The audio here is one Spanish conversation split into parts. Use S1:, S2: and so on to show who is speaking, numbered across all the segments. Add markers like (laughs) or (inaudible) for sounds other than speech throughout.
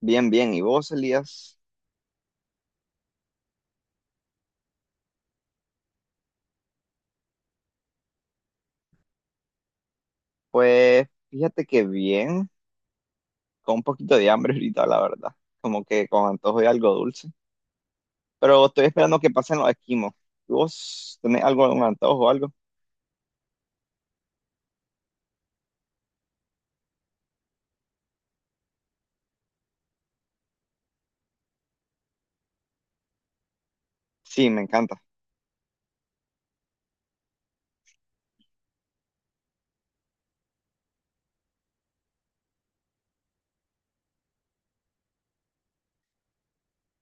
S1: Bien, bien. ¿Y vos, Elías? Pues fíjate que bien, con un poquito de hambre (laughs) ahorita, la verdad. Como que con antojo de algo dulce. Pero estoy esperando que pasen los esquimos. ¿Vos tenés algo, un antojo o algo? Sí, me encanta.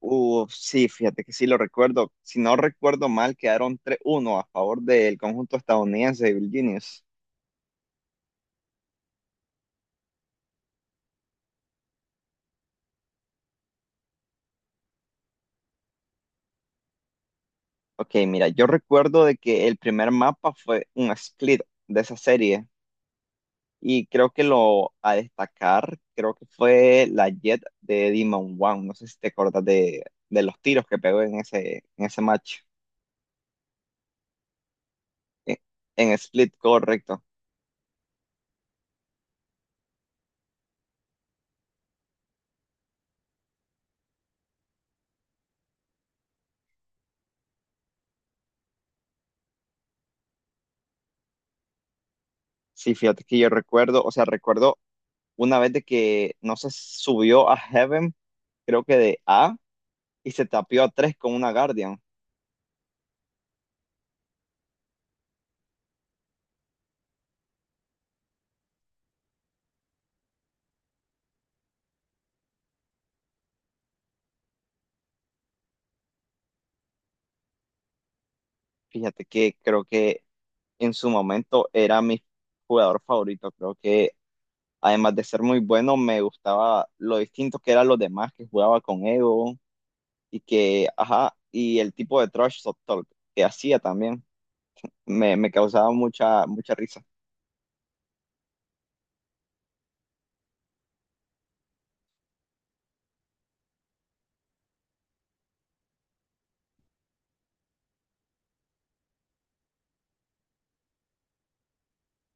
S1: Sí, fíjate que sí lo recuerdo. Si no recuerdo mal, quedaron tres uno a favor del conjunto estadounidense de Virginius. Ok, mira, yo recuerdo de que el primer mapa fue un split de esa serie. Y creo que lo a destacar, creo que fue la Jet de Demon One. No sé si te acordás de los tiros que pegó en ese match. En, en Split, correcto. Sí, fíjate que yo recuerdo, o sea, recuerdo una vez de que no se subió a Heaven, creo que de A, y se tapió a 3 con una Guardian. Fíjate que creo que en su momento era mi jugador favorito. Creo que además de ser muy bueno, me gustaba lo distinto que eran los demás, que jugaba con Ego, y que, ajá, y el tipo de trash talk que hacía también me causaba mucha risa.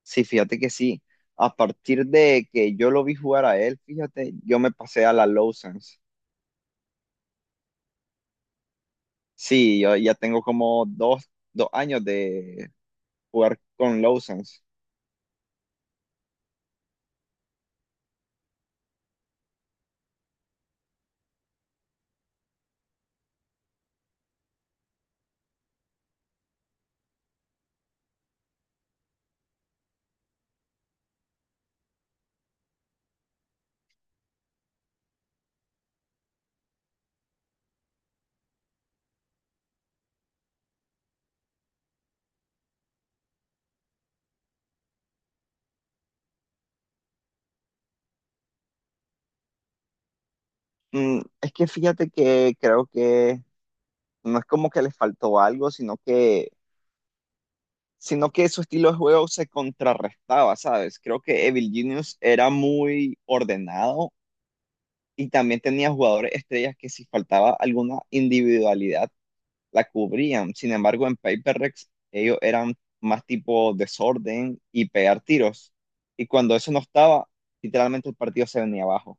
S1: Sí, fíjate que sí. A partir de que yo lo vi jugar a él, fíjate, yo me pasé a la Lowsons. Sí, yo ya tengo como dos años de jugar con Lowsons. Mm, es que fíjate que creo que no es como que les faltó algo, sino que su estilo de juego se contrarrestaba, ¿sabes? Creo que Evil Genius era muy ordenado y también tenía jugadores estrellas que si faltaba alguna individualidad la cubrían. Sin embargo, en Paper Rex ellos eran más tipo desorden y pegar tiros. Y cuando eso no estaba, literalmente el partido se venía abajo.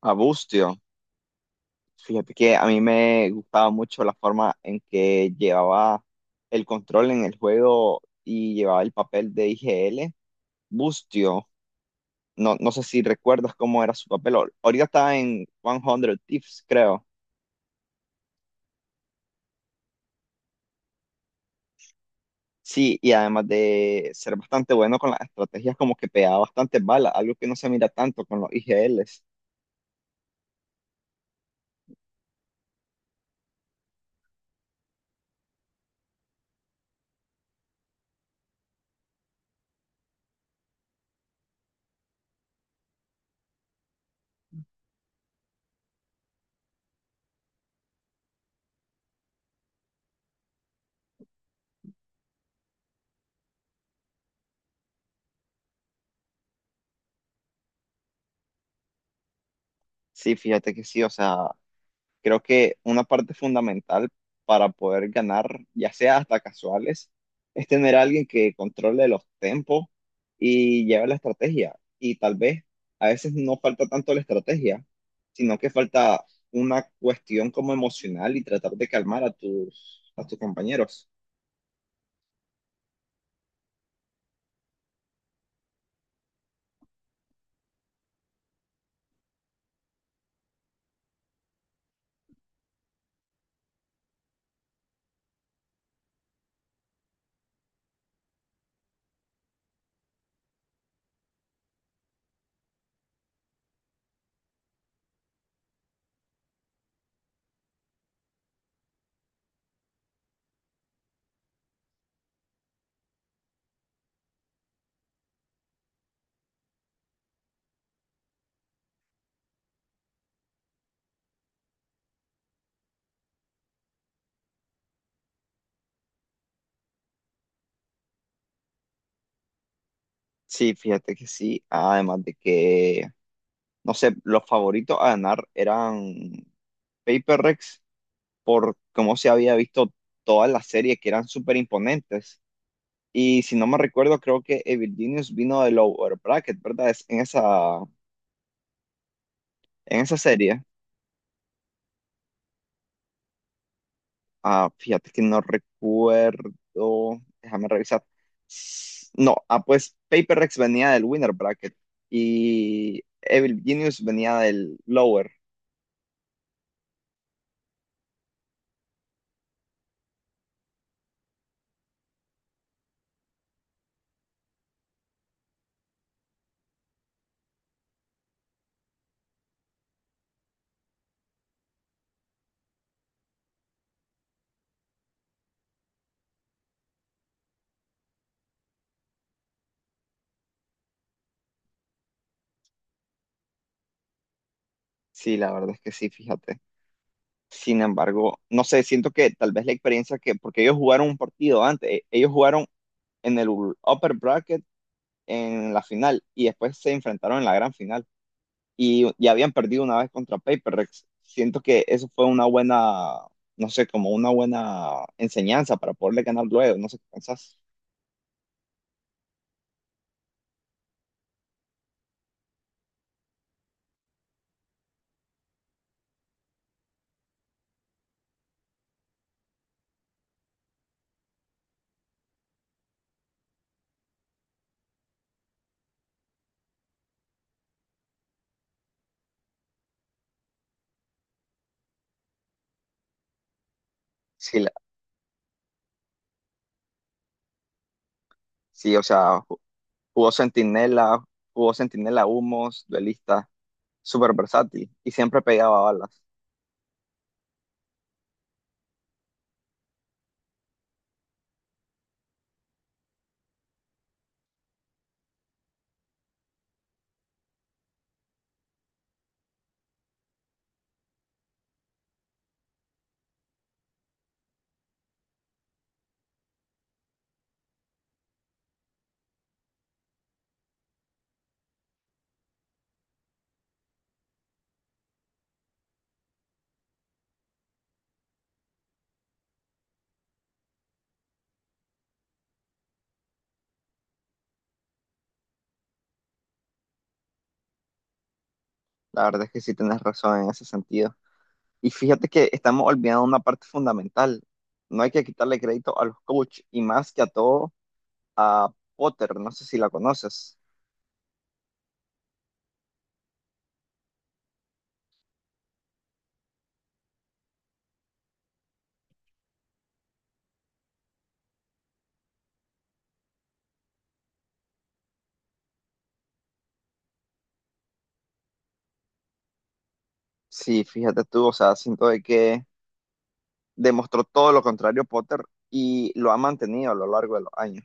S1: A Bustio, fíjate que a mí me gustaba mucho la forma en que llevaba el control en el juego y llevaba el papel de IGL. Bustio, no sé si recuerdas cómo era su papel. Ahorita está en 100 Thieves, creo. Sí, y además de ser bastante bueno con las estrategias, como que pegaba bastantes balas, algo que no se mira tanto con los IGLs. Sí, fíjate que sí, o sea, creo que una parte fundamental para poder ganar, ya sea hasta casuales, es tener a alguien que controle los tempos y lleve la estrategia. Y tal vez a veces no falta tanto la estrategia, sino que falta una cuestión como emocional y tratar de calmar a tus compañeros. Sí, fíjate que sí. Además de que, no sé, los favoritos a ganar eran Paper Rex por cómo se había visto toda la serie, que eran súper imponentes. Y si no me recuerdo, creo que Evil Genius vino del Lower Bracket, ¿verdad? Es en en esa serie. Ah, fíjate que no recuerdo. Déjame revisar. No, ah, pues Paper Rex venía del Winner Bracket y Evil Genius venía del Lower. Sí, la verdad es que sí, fíjate. Sin embargo, no sé, siento que tal vez la experiencia que, porque ellos jugaron un partido antes, ellos jugaron en el upper bracket en la final y después se enfrentaron en la gran final y ya habían perdido una vez contra PaperX. Siento que eso fue una buena, no sé, como una buena enseñanza para poderle ganar luego, no sé qué pensás. Sí, la- sí, o sea, jugó Centinela, jugó Centinela Humos, duelista, súper versátil y siempre pegaba balas. La verdad es que sí tenés razón en ese sentido. Y fíjate que estamos olvidando una parte fundamental. No hay que quitarle crédito a los coaches y más que a todo a Potter. No sé si la conoces. Sí, fíjate tú, o sea, siento de que demostró todo lo contrario Potter y lo ha mantenido a lo largo de los años.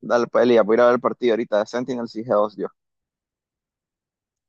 S1: Dale, pues, Elia, voy a ir a ver el partido ahorita de Sentinels y G2.